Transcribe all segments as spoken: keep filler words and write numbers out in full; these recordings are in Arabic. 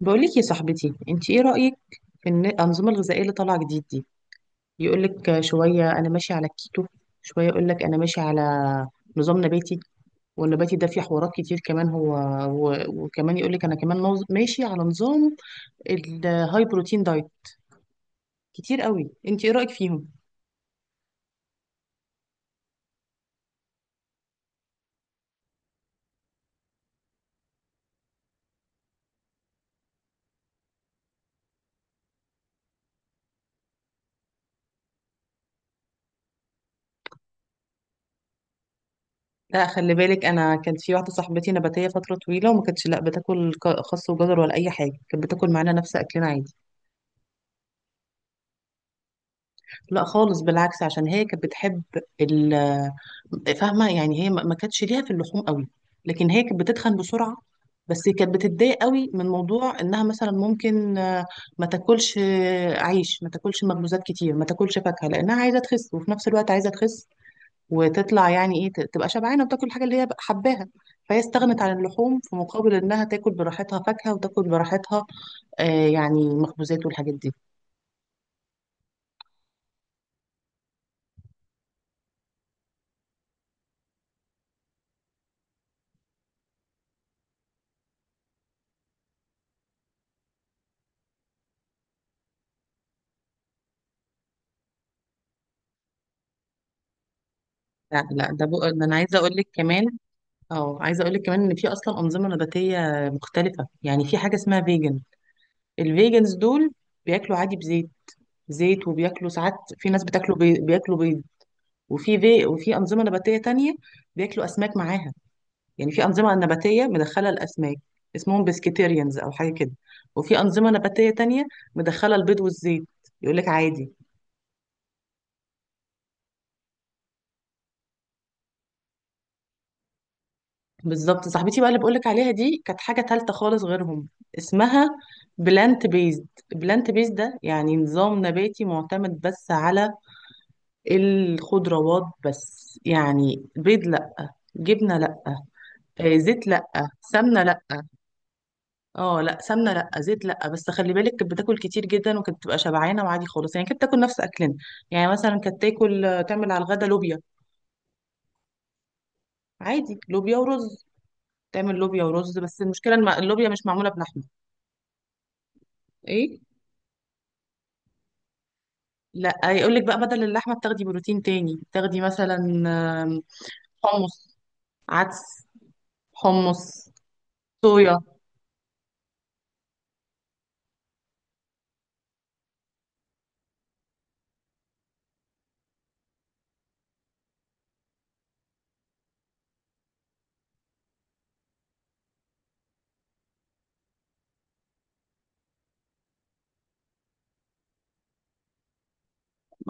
بقولك يا صاحبتي، انت ايه رأيك في الن- الأنظمة الغذائية اللي طالعة جديد دي؟ يقولك شوية انا ماشي على الكيتو، شوية يقولك انا ماشي على نظام نباتي. والنباتي ده فيه حوارات كتير كمان. هو و- وكمان يقولك انا كمان نظ- ماشي على نظام الهاي بروتين دايت كتير قوي. انت ايه رأيك فيهم؟ لا، خلي بالك، انا كانت في واحدة صاحبتي نباتية فترة طويلة، وما كانتش لا بتاكل ك- خس وجزر ولا اي حاجة. كانت بتاكل معانا نفس اكلنا عادي. لا خالص، بالعكس، عشان هي كانت بتحب ال فاهمه؟ يعني هي ما ما كانتش ليها في اللحوم قوي. لكن هي كانت بتتخن بسرعه. بس كانت بتتضايق قوي من موضوع انها مثلا ممكن آه، ما تاكلش آه، عيش، ما تاكلش مخبوزات كتير، ما تاكلش فاكهه، لانها عايزه تخس، وفي نفس الوقت عايزه تخس وتطلع يعني ايه ت- تبقى شبعانه وتاكل الحاجه اللي هي حباها. فهي استغنت عن اللحوم في مقابل انها تاكل براحتها فاكهه، وتاكل براحتها آه يعني مخبوزات والحاجات دي. لا لا، ده بقى ده انا عايزه اقول لك كمان اه عايزه اقول لك كمان ان في اصلا انظمه نباتيه مختلفه. يعني في حاجه اسمها فيجن. الفيجنز دول بياكلوا عادي، بزيت زيت وبياكلوا ساعات، في ناس بتاكلوا بي... بياكلوا بيض. وفي في... وفي انظمه نباتيه تانية بياكلوا اسماك معاها، يعني في انظمه نباتيه مدخله الاسماك، اسمهم بسكيتيريانز او حاجه كده. وفي انظمه نباتيه تانية مدخله البيض والزيت، يقول لك عادي. بالظبط، صاحبتي بقى اللي بقولك عليها دي كانت حاجة تالتة خالص غيرهم، اسمها بلانت بيزد. بلانت بيزد ده يعني نظام نباتي معتمد بس على الخضروات بس، يعني بيض لأ، جبنة لأ، آه، زيت لأ، سمنة لأ. اه لأ، سمنة لأ، زيت لأ، بس خلي بالك كانت بتاكل كتير جدا، وكانت بتبقى شبعانة وعادي خالص. يعني كانت بتاكل نفس أكلنا. يعني مثلا كانت تاكل تعمل على الغدا لوبيا، عادي لوبيا ورز، تعمل لوبيا ورز، بس المشكلة الم- اللوبيا مش معمولة بلحمة. ايه؟ لا يقول لك بقى بدل اللحمه بتاخدي بروتين تاني، بتاخدي مثلا آم، حمص، عدس، حمص، صويا.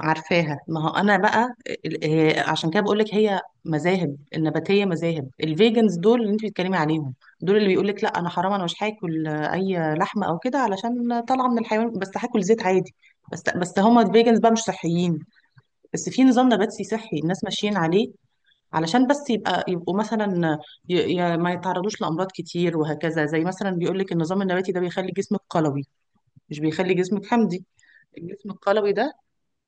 عارفاها. ما هو انا بقى ال- آه، عشان كده بقول لك، هي مذاهب النباتيه، مذاهب الفيجنز دول اللي انت بتتكلمي عليهم، دول اللي بيقول لك لا، انا حرام، انا مش هاكل آه، اي لحمه او كده، علشان طالعه من الحيوان، بس هاكل زيت عادي. بس بس هما الفيجنز بقى مش صحيين. بس في نظام نباتي صحي الناس ماشيين عليه، علشان بس يبقى يبقوا مثلا ي... ي... ما يتعرضوش لأمراض كتير وهكذا. زي مثلا بيقول لك النظام النباتي ده بيخلي جسمك قلوي، مش بيخلي جسمك حمضي. الجسم القلوي ده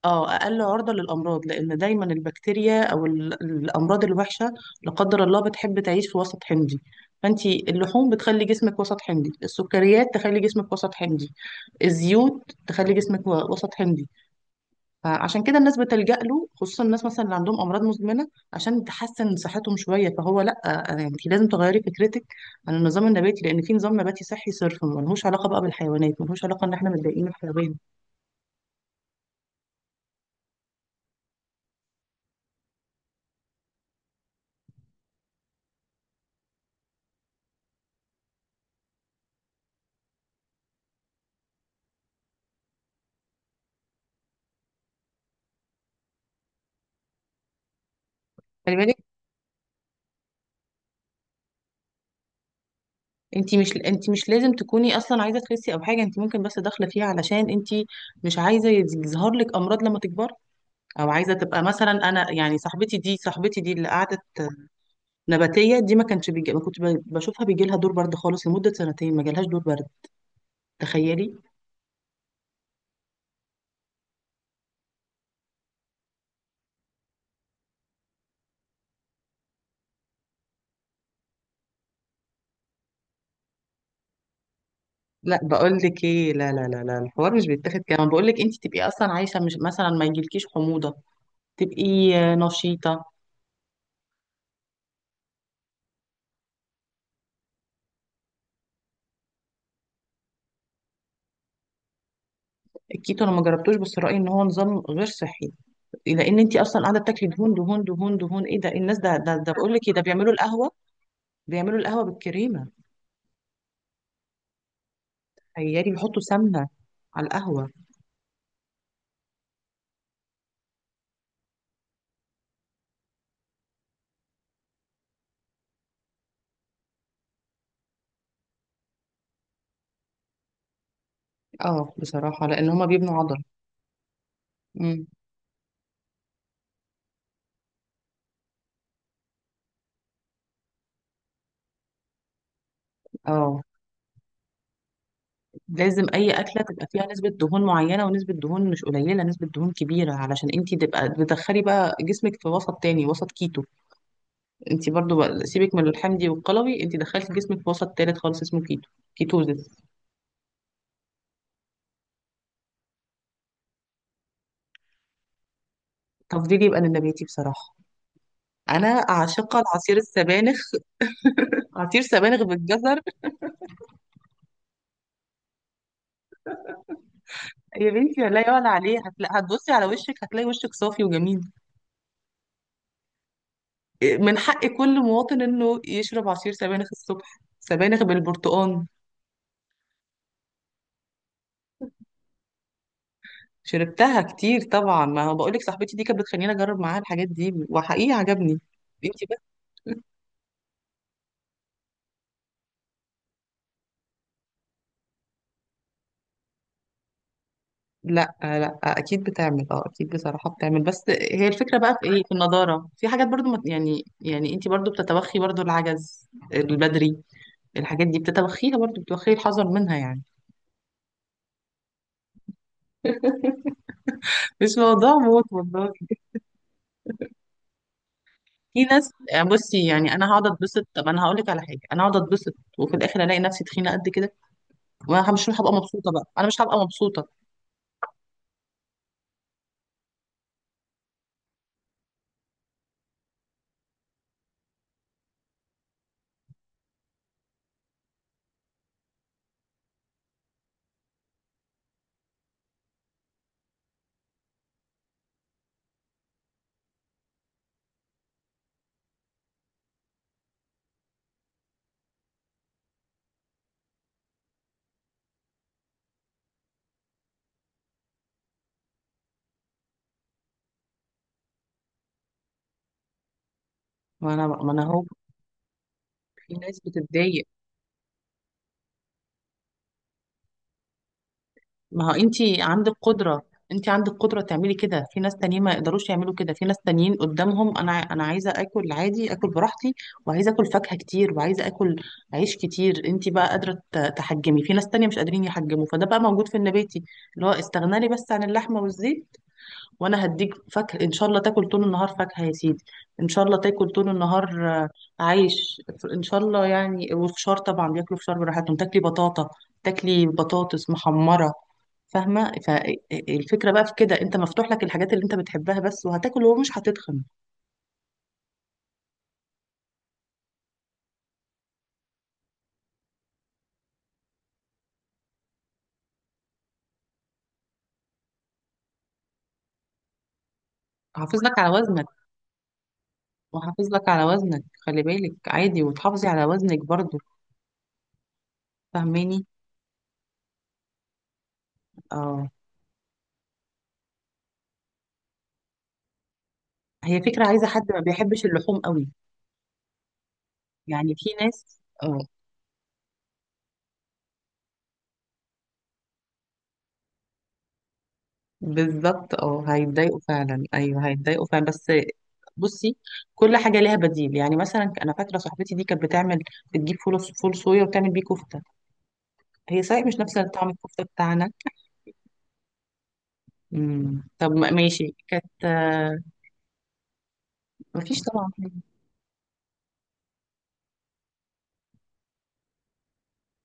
اه أقل عرضة للأمراض، لأن دايما البكتيريا أو ال... الأمراض الوحشة، لا قدر الله، بتحب تعيش في وسط حمضي. فانت، اللحوم بتخلي جسمك وسط حمضي، السكريات تخلي جسمك وسط حمضي، الزيوت تخلي جسمك و- وسط حمضي. فعشان كده الناس بتلجأ له، خصوصا الناس مثلا اللي عندهم امراض مزمنه، عشان تحسن صحتهم شويه. فهو لا، آه، يعني انت لازم تغيري فكرتك عن النظام النباتي، لان في نظام نباتي صحي صرف ملهوش علاقه بقى بالحيوانات، ملهوش علاقه ان احنا متضايقين من الحيوان. خلي بالك، انت مش انت مش لازم تكوني اصلا عايزه تخسي او حاجه، انت ممكن بس داخله فيها علشان انت مش عايزه يز- يظهر لك امراض لما تكبري، او عايزه تبقى مثلا، انا يعني صاحبتي دي صاحبتي دي اللي قعدت نباتيه دي، ما كانش بيجي ما كنت ب- بشوفها بيجي لها دور برد خالص. لمده سنتين ما جالهاش دور برد، تخيلي. لا، بقول لك ايه، لا لا لا لا، الحوار مش بيتاخد كده. بقول لك انت تبقي اصلا عايشه، مش مثلا ما يجيلكيش حموضه، تبقي آه، نشيطه. الكيتو انا ما جربتوش، بس رايي ان هو نظام غير صحي، لان انت اصلا قاعده بتاكلي دهون دهون دهون دهون، ايه ده؟ الناس ده ده, ده بقول لك ايه، ده بيعملوا القهوه، بيعملوا القهوه بالكريمه، تخيلي، بيحطوا سمنه على القهوه. اه بصراحه، لان هما بيبنوا عضل. امم اه، لازم اي اكله تبقى فيها نسبه دهون معينه، ونسبه دهون مش قليله، نسبه دهون كبيره، علشان انت تبقى بتدخلي بقى جسمك في وسط تاني، وسط كيتو. انت برضو بقى، سيبك من الحمضي والقلوي، انت دخلتي جسمك في وسط تالت خالص اسمه كيتو، كيتوزيس. تفضيلي يبقى للنباتي بصراحه. انا عاشقه لعصير السبانخ، عصير سبانخ بالجزر. يا بنتي، لا يعلى عليه، هتلاقي هتبصي على وشك، هتلاقي وشك صافي وجميل. من حق كل مواطن انه يشرب عصير سبانخ الصبح، سبانخ بالبرتقال. شربتها كتير طبعا. ما هو بقولك، صاحبتي دي كانت بتخليني اجرب معاها الحاجات دي، وحقيقي عجبني. انتي بس. لا، آه، لا، آه، اكيد بتعمل، اه اكيد بصراحه بتعمل. بس هي الفكره بقى في ايه؟ في النضاره، في حاجات برضو ما- يعني يعني انتي برضو بتتوخي، برضو العجز البدري. الحاجات دي بتتوخيها برضو، بتوخي الحذر منها يعني. مش موضوع موت والله. في ناس يعني، بصي يعني انا هقعد اتبسط، طب انا هقول لك على حاجه، انا هقعد اتبسط وفي الاخر الاقي نفسي تخينه قد كده، وانا مش هبقى مبسوطه بقى، انا مش هبقى مبسوطه. ما انا ما انا هو، في ناس بتتضايق، ما هو انت عندك قدرة، انت عندك قدرة تعملي كده، في ناس تانيين ما يقدروش يعملوا كده، في ناس تانيين قدامهم. انا انا عايزة اكل عادي، اكل براحتي، وعايزة اكل فاكهة كتير، وعايزة اكل عيش كتير. انت بقى قادرة ت- تحجمي، في ناس تانية مش قادرين يحجموا، فده بقى موجود في النباتي، اللي هو استغنالي بس عن اللحمة والزيت. وانا هديك فاكهه، ان شاء الله تاكل طول النهار فاكهه يا سيدي، ان شاء الله تاكل طول النهار آه، عيش، ان شاء الله يعني. والفشار طبعا بياكلوا فشار براحتهم، تاكلي بطاطا، تاكلي بطاطس محمره. فاهمه؟ فالفكره بقى في كده، انت مفتوح لك الحاجات اللي انت بتحبها بس، وهتاكل ومش هتتخن. حافظ لك على وزنك، وحافظ لك على وزنك، خلي بالك عادي، وتحافظي على وزنك برضو. فاهماني؟ اه، هي فكره عايزه حد ما بيحبش اللحوم قوي. يعني في ناس آه، بالظبط، اه هيتضايقوا فعلا، ايوه هيتضايقوا فعلا، بس بصي، كل حاجه ليها بديل. يعني مثلا انا فاكره صاحبتي دي كانت بتعمل بتجيب فول فول صويا وتعمل بيه كفته. هي صحيح مش نفس طعم الكفته بتاعنا. امم طب ما- ماشي، كانت آه، مفيش طبعا حاجة.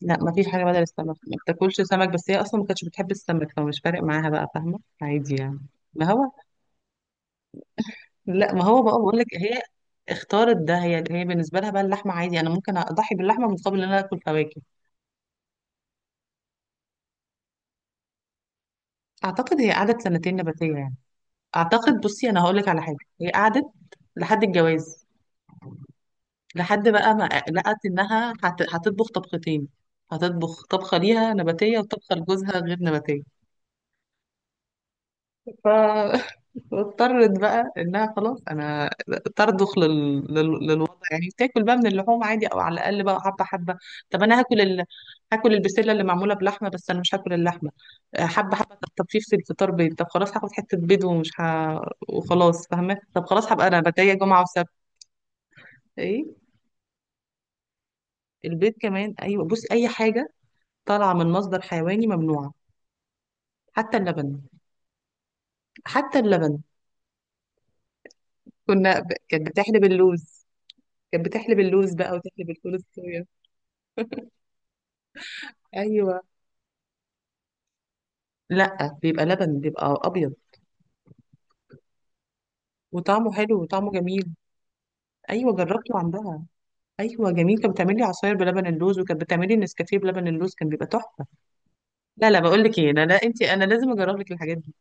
لا، مفيش حاجه بدل السمك، ما بتاكلش سمك، بس هي اصلا ما كانتش بتحب السمك، فمش فارق معاها بقى، فاهمه؟ عادي يعني. ما هو لا، ما هو بقى، بقول لك هي اختارت ده. هي هي بالنسبه لها بقى اللحمه عادي، انا ممكن اضحي باللحمه مقابل ان انا اكل فواكه. اعتقد هي قعدت سنتين نباتيه يعني. اعتقد، بصي انا هقول لك على حاجه، هي قعدت لحد الجواز، لحد بقى ما لقت انها هت... هتطبخ طبختين، هتطبخ طبخه ليها نباتيه وطبخه لجوزها غير نباتيه. ف واضطرت بقى انها خلاص، انا ترضخ لل... لل... للوضع، يعني تاكل بقى من اللحوم عادي، او على الاقل بقى حبه حبه. طب انا هاكل ال... هاكل البسله اللي معموله بلحمه، بس انا مش هاكل اللحمه. آه، حبه حبه، طب طب في في الفطار بيض. طب خلاص هاخد حته بيض ومش ه... وخلاص فاهمه. طب خلاص هبقى انا بتايه جمعه وسبت. ايه، البيض كمان؟ ايوه، بص، اي حاجه طالعه من مصدر حيواني ممنوعه، حتى اللبن، حتى اللبن. كنا ب... كانت بتحلب اللوز كانت بتحلب اللوز بقى، وتحلب الفول الصويا. ايوه، لا بيبقى لبن، بيبقى ابيض، وطعمه حلو، وطعمه جميل. ايوه، جربته عندها. ايوه جميل. كانت بتعمل لي عصاير بلبن اللوز، وكانت بتعمل لي نسكافيه بلبن اللوز، كان بيبقى تحفه. لا لا، بقول لك ايه، لا لا، انت انا لازم اجرب لك الحاجات دي.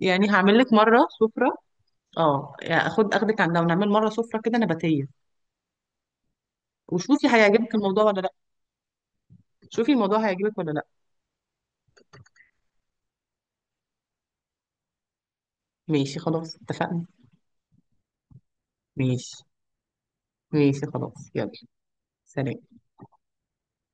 يعني هعمل لك مره سفره، اه يعني اخد اخدك عندها ونعمل مره سفره كده نباتيه. وشوفي هيعجبك الموضوع ولا لا، شوفي الموضوع هيعجبك ولا لا. ماشي خلاص، اتفقنا. ماشي، ماشي خلاص، يلا، سلام.